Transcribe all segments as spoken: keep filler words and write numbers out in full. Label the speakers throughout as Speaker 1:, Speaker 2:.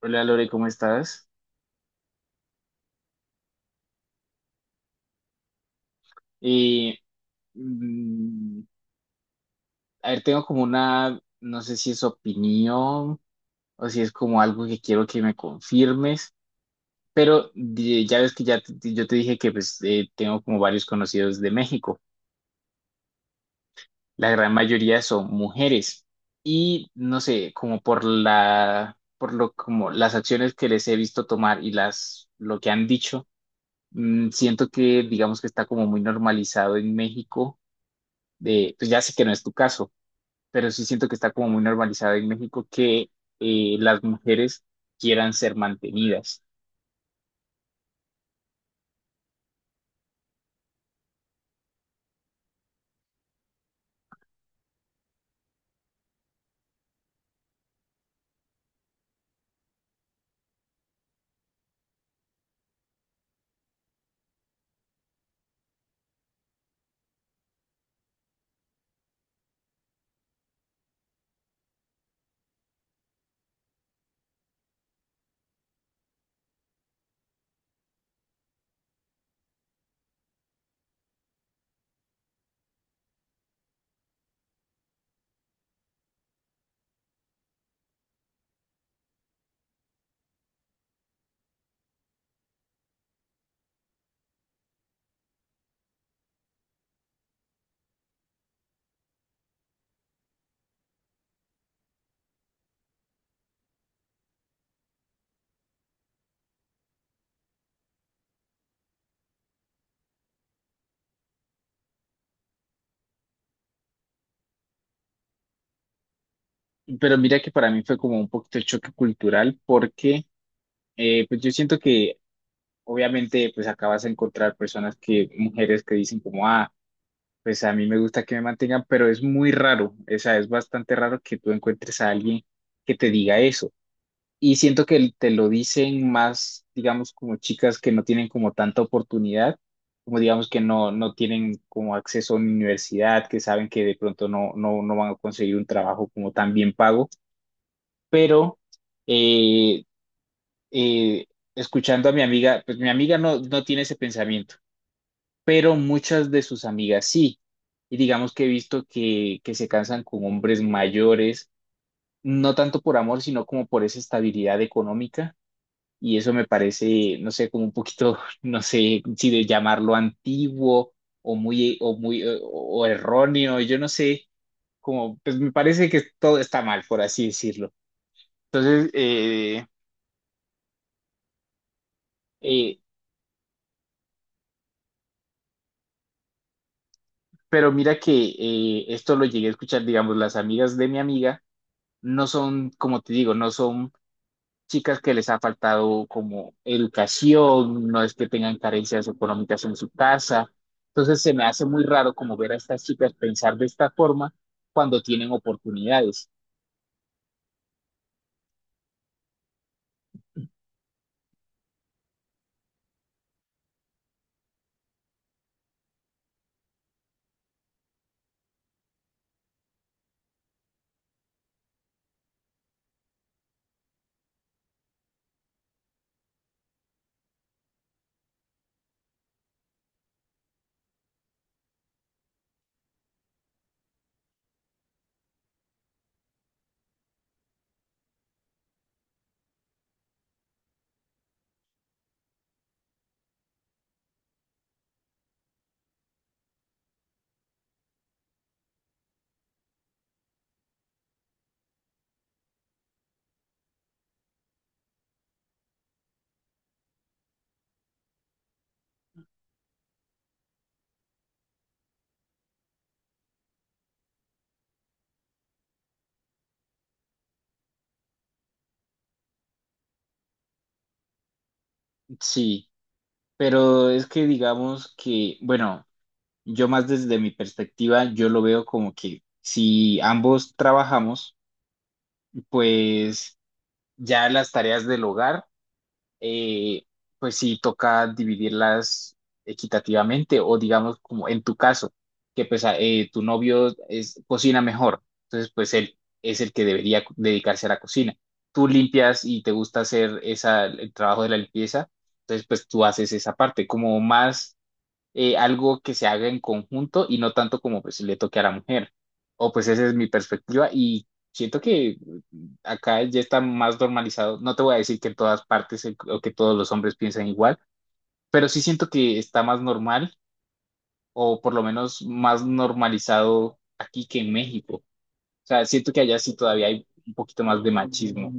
Speaker 1: Hola Lore, ¿cómo estás? Y, mm, a ver, tengo como una, no sé si es opinión o si es como algo que quiero que me confirmes, pero di- ya ves que ya te- yo te dije que pues eh, tengo como varios conocidos de México. La gran mayoría son mujeres y no sé, como por la, por lo como las acciones que les he visto tomar y las lo que han dicho, mm, siento que digamos que está como muy normalizado en México. De, pues ya sé que no es tu caso, pero sí siento que está como muy normalizado en México que eh, las mujeres quieran ser mantenidas. Pero mira que para mí fue como un poquito de choque cultural porque eh, pues yo siento que obviamente pues acabas de encontrar personas que, mujeres que dicen como, ah, pues a mí me gusta que me mantengan, pero es muy raro, o sea, es bastante raro que tú encuentres a alguien que te diga eso. Y siento que te lo dicen más, digamos, como chicas que no tienen como tanta oportunidad, como digamos que no, no tienen como acceso a una universidad, que saben que de pronto no, no, no van a conseguir un trabajo como tan bien pago, pero eh, eh, escuchando a mi amiga, pues mi amiga no, no tiene ese pensamiento, pero muchas de sus amigas sí. Y digamos que he visto que, que se cansan con hombres mayores, no tanto por amor, sino como por esa estabilidad económica. Y eso me parece, no sé, como un poquito, no sé si de llamarlo antiguo o muy, o muy, eh, o erróneo, yo no sé, como, pues me parece que todo está mal, por así decirlo. Entonces, eh, eh, pero mira que eh, esto lo llegué a escuchar, digamos, las amigas de mi amiga no son, como te digo, no son chicas que les ha faltado como educación, no es que tengan carencias económicas en su casa. Entonces se me hace muy raro como ver a estas chicas pensar de esta forma cuando tienen oportunidades. Sí, pero es que digamos que, bueno, yo más desde mi perspectiva, yo lo veo como que si ambos trabajamos, pues ya las tareas del hogar eh, pues sí toca dividirlas equitativamente o digamos como en tu caso, que pues a- eh, tu novio es, cocina mejor, entonces pues él es el que debería cu- dedicarse a la cocina. Tú limpias y te gusta hacer esa, el trabajo de la limpieza, entonces pues tú haces esa parte, como más eh, algo que se haga en conjunto y no tanto como pues le toque a la mujer. O pues esa es mi perspectiva y siento que mm, acá ya está más normalizado. No te voy a decir que en todas partes eh, o que todos los hombres piensan igual, pero sí siento que está más normal o por lo menos más normalizado aquí que en México. O sea, siento que allá sí todavía hay un poquito más de machismo.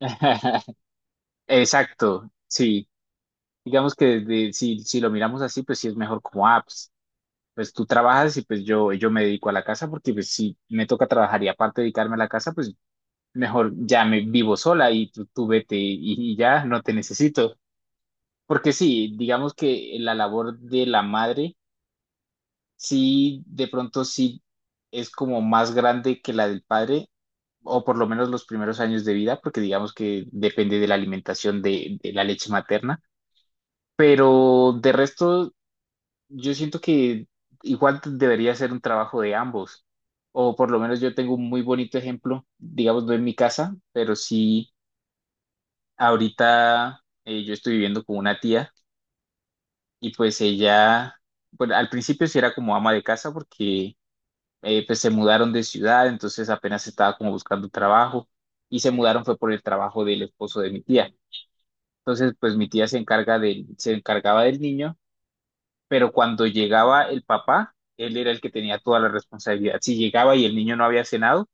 Speaker 1: Exacto, sí. Digamos que desde- si, si lo miramos así, pues sí es mejor como apps, pues tú trabajas y pues yo, yo me dedico a la casa porque pues si me toca trabajar y aparte dedicarme a la casa, pues mejor ya me vivo sola y tú, tú vete y, y ya no te necesito. Porque sí, digamos que la labor de la madre, sí, de pronto sí es como más grande que la del padre, o por lo menos los primeros años de vida, porque digamos que depende de la alimentación de, de la leche materna. Pero de resto yo siento que igual debería ser un trabajo de ambos, o por lo menos yo tengo un muy bonito ejemplo, digamos, no en mi casa, pero sí ahorita eh, yo estoy viviendo con una tía y pues ella, bueno, al principio sí era como ama de casa porque eh, pues se mudaron de ciudad, entonces apenas estaba como buscando trabajo y se mudaron fue por el trabajo del esposo de mi tía. Entonces, pues mi tía se encarga del, se encargaba del niño, pero cuando llegaba el papá, él era el que tenía toda la responsabilidad. Si llegaba y el niño no había cenado,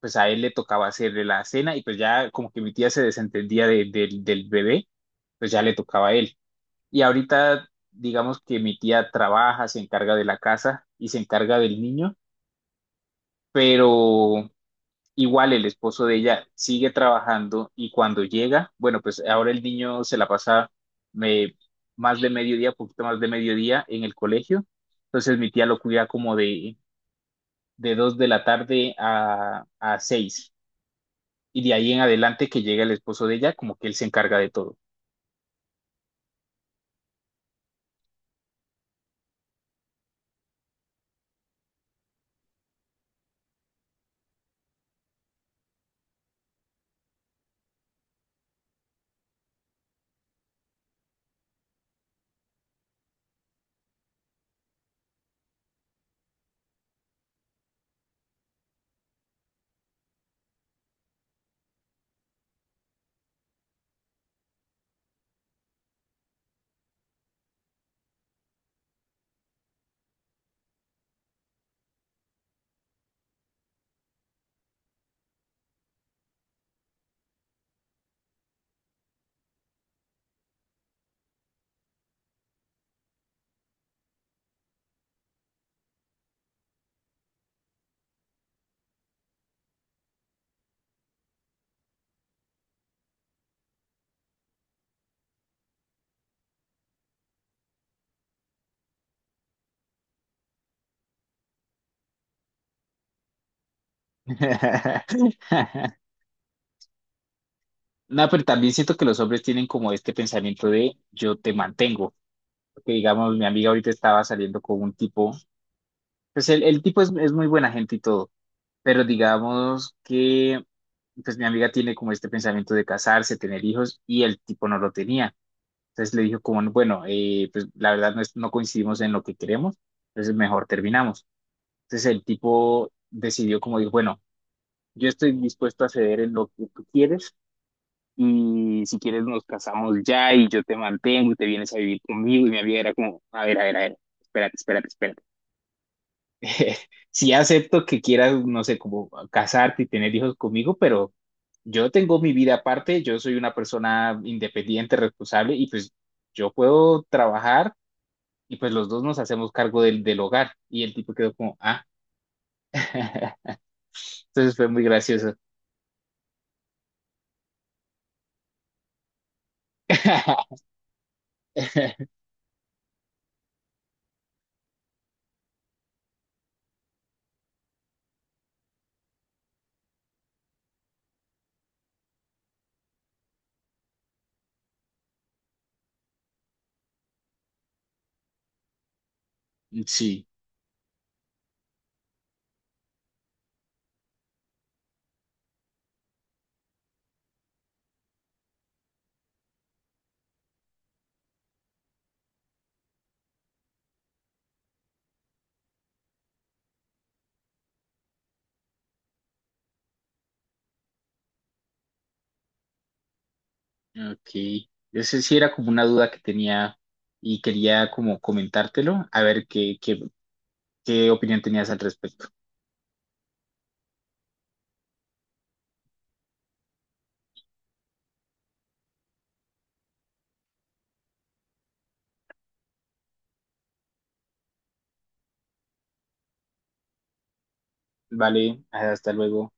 Speaker 1: pues a él le tocaba hacerle la cena y pues ya como que mi tía se desentendía de- del del bebé, pues ya le tocaba a él. Y ahorita digamos que mi tía trabaja, se encarga de la casa y se encarga del niño, pero igual el esposo de ella sigue trabajando y cuando llega, bueno, pues ahora el niño se la pasa me- más de mediodía, poquito más de mediodía en el colegio. Entonces mi tía lo cuida como de, de dos de la tarde a, a seis. Y de ahí en adelante que llega el esposo de ella, como que él se encarga de todo. No, pero también siento que los hombres tienen como este pensamiento de yo te mantengo. Porque digamos, mi amiga ahorita estaba saliendo con un tipo, pues el, el tipo es, es muy buena gente y todo. Pero digamos que, pues mi amiga tiene como este pensamiento de casarse, tener hijos, y el tipo no lo tenía. Entonces le dijo como, bueno, eh, pues la verdad no, es- no coincidimos en lo que queremos, entonces mejor terminamos. Entonces el tipo decidió como, dijo, bueno, yo estoy dispuesto a ceder en lo que tú quieres, y si quieres nos casamos ya, y yo te mantengo, y te vienes a vivir conmigo, y mi amiga era como, a ver, a ver, a ver, espérate, espérate, espérate. Sí acepto que quieras, no sé, como casarte y tener hijos conmigo, pero yo tengo mi vida aparte, yo soy una persona independiente, responsable y pues yo puedo trabajar y pues los dos nos hacemos cargo del, del hogar. Y el tipo quedó como, ah, entonces fue muy gracioso. Sí, ok. Ese sí era como una duda que tenía y quería como comentártelo, a ver qué, qué, qué opinión tenías al respecto. Vale, hasta luego.